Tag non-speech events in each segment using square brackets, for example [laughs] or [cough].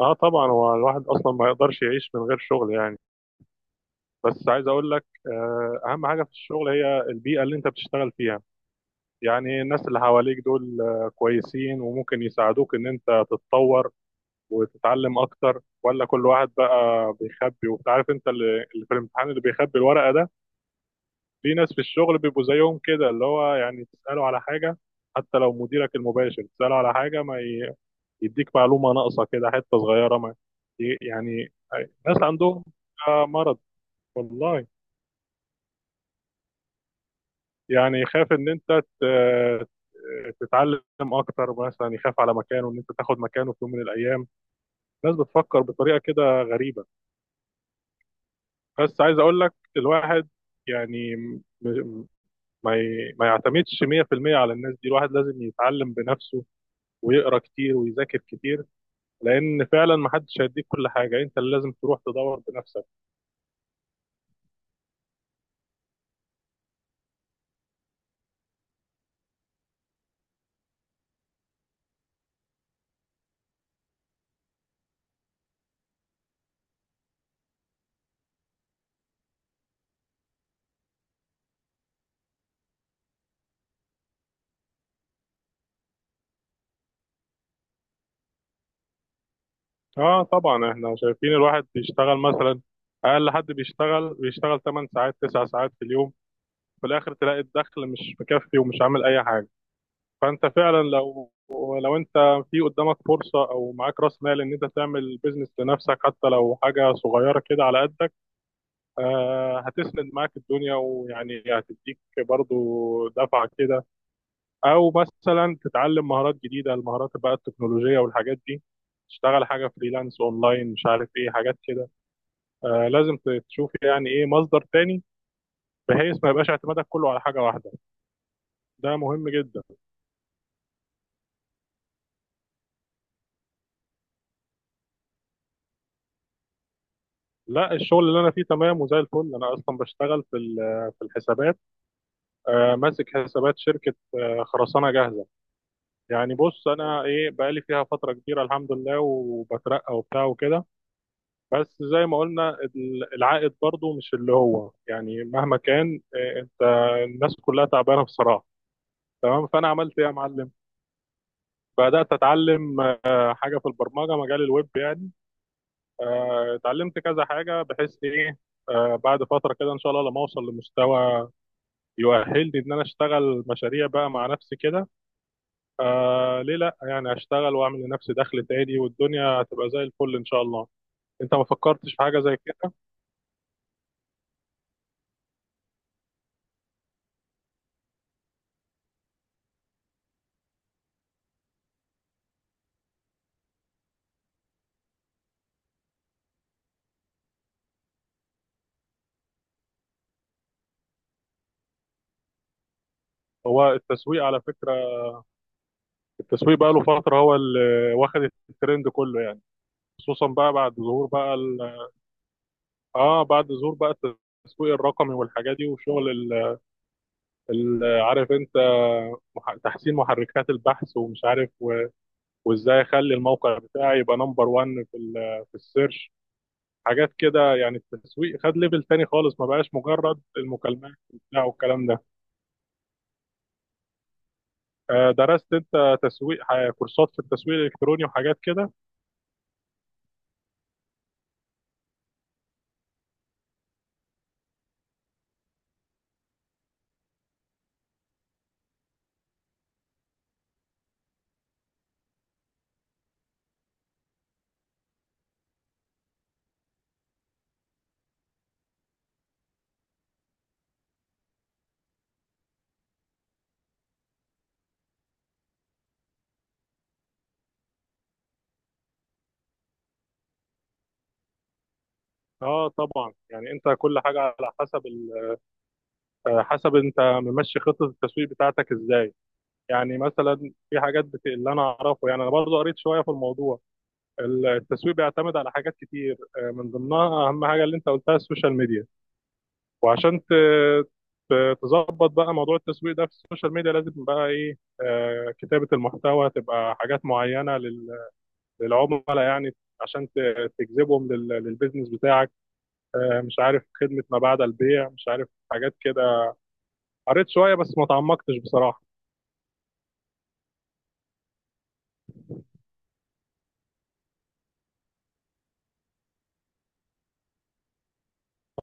اه، طبعا هو الواحد اصلا ما يقدرش يعيش من غير شغل يعني. بس عايز اقول لك اهم حاجه في الشغل هي البيئه اللي انت بتشتغل فيها. يعني الناس اللي حواليك دول كويسين وممكن يساعدوك ان انت تتطور وتتعلم اكتر، ولا كل واحد بقى بيخبي، وانت عارف انت اللي في الامتحان اللي بيخبي الورقه ده. في ناس في الشغل بيبقوا زيهم كده، اللي هو يعني تساله على حاجه، حتى لو مديرك المباشر تساله على حاجه ما يديك معلومة ناقصة كده حتة صغيرة ما يعني، ناس عندهم مرض، والله. يعني يخاف ان انت تتعلم اكتر، مثلا يخاف على مكانه ان انت تاخد مكانه في يوم من الايام. الناس بتفكر بطريقة كده غريبة. بس عايز اقول لك الواحد يعني ما يعتمدش 100% على الناس دي، الواحد لازم يتعلم بنفسه ويقرا كتير ويذاكر كتير، لان فعلا ما حدش هيديك كل حاجة، انت اللي لازم تروح تدور بنفسك. اه، طبعا احنا شايفين الواحد بيشتغل مثلا، اقل حد بيشتغل 8 ساعات 9 ساعات في اليوم، في الاخر تلاقي الدخل مش مكفي ومش عامل اي حاجه. فانت فعلا لو انت في قدامك فرصه، او معاك راس مال، ان انت تعمل بيزنس لنفسك، حتى لو حاجه صغيره كده على قدك، هتسند معاك الدنيا ويعني هتديك برضو دفعه كده. او مثلا تتعلم مهارات جديده، المهارات بقى التكنولوجيه والحاجات دي، تشتغل حاجه فريلانس اونلاين، مش عارف ايه حاجات كده. لازم تشوف يعني ايه مصدر تاني، بحيث ما يبقاش اعتمادك كله على حاجه واحده. ده مهم جدا. لا، الشغل اللي انا فيه تمام وزي الفل، انا اصلا بشتغل في في الحسابات، ماسك حسابات شركه خرسانه جاهزه. يعني بص انا ايه، بقالي فيها فتره كبيره الحمد لله، وبترقى وبتاع وكده. بس زي ما قلنا العائد برضو مش اللي هو يعني، مهما كان انت، الناس كلها تعبانه بصراحه. تمام فانا عملت ايه يا معلم، بدات اتعلم حاجه في البرمجه، مجال الويب يعني. اتعلمت كذا حاجة بحيث إيه، بعد فترة كده إن شاء الله لما أوصل لمستوى يؤهلني إن أنا أشتغل مشاريع بقى مع نفسي كده، ليه لأ يعني، أشتغل وأعمل لنفسي دخل تاني والدنيا هتبقى زي الفل إن شاء الله. أنت ما فكرتش في حاجة زي كده؟ هو التسويق على فكرة، التسويق بقى له فترة هو اللي واخد الترند كله يعني، خصوصا بقى بعد ظهور بقى التسويق الرقمي والحاجات دي، وشغل عارف أنت تحسين محركات البحث ومش عارف، وازاي اخلي الموقع بتاعي يبقى نمبر 1 في السيرش، حاجات كده يعني. التسويق خد ليفل تاني خالص، ما بقاش مجرد المكالمات وبتاع والكلام ده. درست انت تسويق، كورسات في التسويق الالكتروني وحاجات كده؟ اه، طبعا يعني انت كل حاجه على حسب ال... آه، حسب انت ممشي خطه التسويق بتاعتك ازاي. يعني مثلا في حاجات اللي انا اعرفه يعني، انا برضو قريت شويه في الموضوع. التسويق بيعتمد على حاجات كتير، من ضمنها اهم حاجه اللي انت قلتها السوشيال ميديا. وعشان تظبط بقى موضوع التسويق ده في السوشيال ميديا لازم بقى ايه، كتابة المحتوى، تبقى حاجات معينة للعملاء يعني، عشان تجذبهم للبيزنس بتاعك، مش عارف خدمة ما بعد البيع، مش عارف حاجات كده. قريت شوية بس ما تعمقتش بصراحة.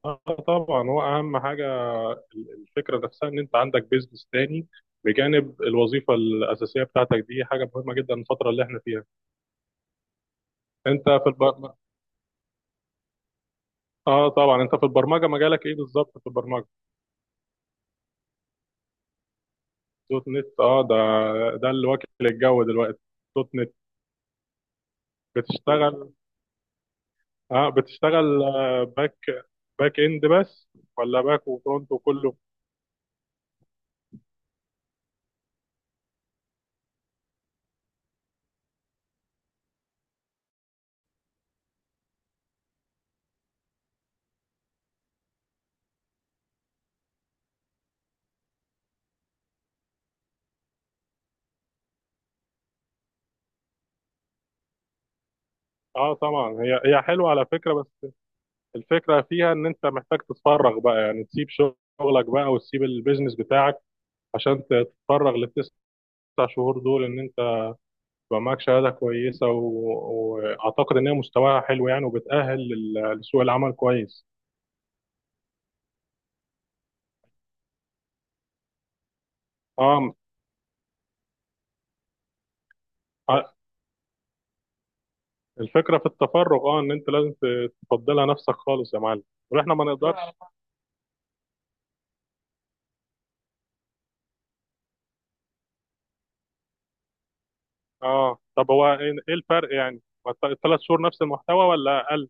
آه، طبعا هو أهم حاجة، الفكرة نفسها إن أنت عندك بيزنس تاني بجانب الوظيفة الأساسية بتاعتك دي، حاجة مهمة جدا الفترة اللي احنا فيها. أنت في الب... اه، طبعا انت في البرمجه مجالك ايه بالظبط، في البرمجه؟ دوت نت، ده اللي واكل الجو دلوقتي، دوت نت. بتشتغل اه بتشتغل باك اند بس، ولا باك وفرونت وكله؟ اه، طبعا هي حلوه على فكره، بس الفكره فيها ان انت محتاج تتفرغ بقى، يعني تسيب شغلك بقى وتسيب البيزنس بتاعك عشان تتفرغ للتسع شهور دول، ان انت يبقى معاك شهاده كويسه واعتقد ان هي مستواها حلو يعني، وبتاهل لسوق العمل كويس. اه، ع- الفكرة في التفرغ، ان انت لازم تفضلها نفسك خالص يا معلم، واحنا ما نقدرش اه اه، طب هو ايه الفرق يعني، الثلاث شهور نفس المحتوى ولا اقل؟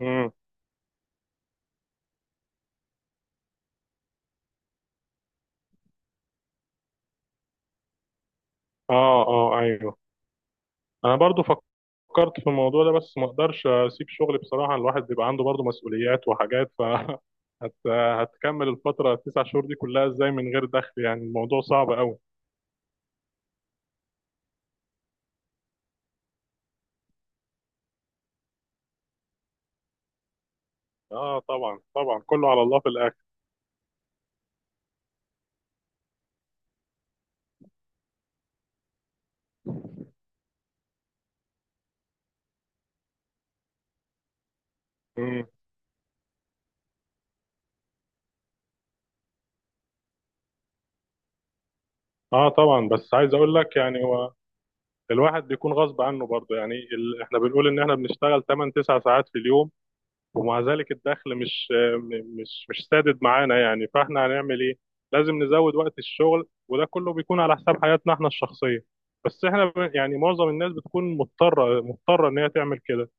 امم، اه، اه، ايوه. انا برضو فكرت في الموضوع ده، بس ما اقدرش اسيب شغلي بصراحة، الواحد بيبقى عنده برضو مسؤوليات وحاجات، ف [laughs] هتكمل الفترة التسع شهور دي كلها ازاي من غير دخل يعني؟ الموضوع صعب قوي. اه، طبعا طبعا، كله على الله في الاخر. امم. اه، طبعا بس عايز اقول لك يعني الواحد بيكون غصب عنه برضه، يعني احنا بنقول ان احنا بنشتغل 8 9 ساعات في اليوم، ومع ذلك الدخل مش م- مش مش سادد معانا يعني. فاحنا هنعمل ايه؟ لازم نزود وقت الشغل، وده كله بيكون على حساب حياتنا احنا الشخصية. بس احنا يعني معظم الناس بتكون مضطرة مضطرة ان هي تعمل كده.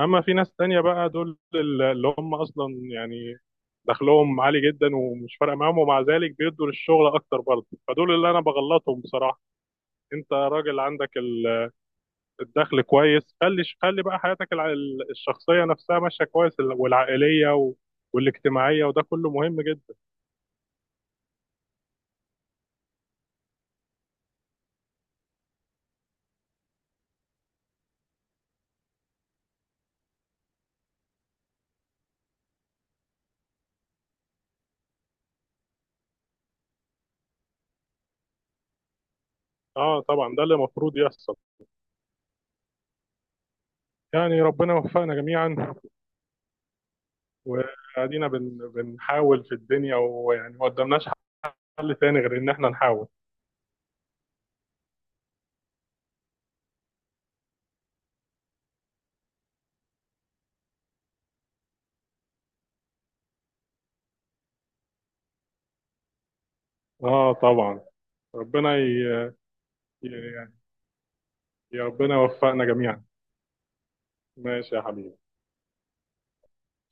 اما في ناس تانية بقى، دول اللي هم اصلا يعني دخلهم عالي جدا ومش فارقة معاهم، ومع ذلك بيدوا للشغل اكتر برضه، فدول اللي انا بغلطهم بصراحة. انت راجل عندك الدخل كويس، خلي خلي بقى حياتك الشخصية نفسها ماشية كويس، والعائلية والاجتماعية، وده كله مهم جدا. اه، طبعا ده اللي المفروض يحصل، يعني ربنا يوفقنا جميعا. وادينا بنحاول في الدنيا، ويعني ما قدامناش حل تاني غير ان احنا نحاول. اه، طبعا ربنا ي... يا ربنا يوفقنا جميعا، ماشي يا حبيبي.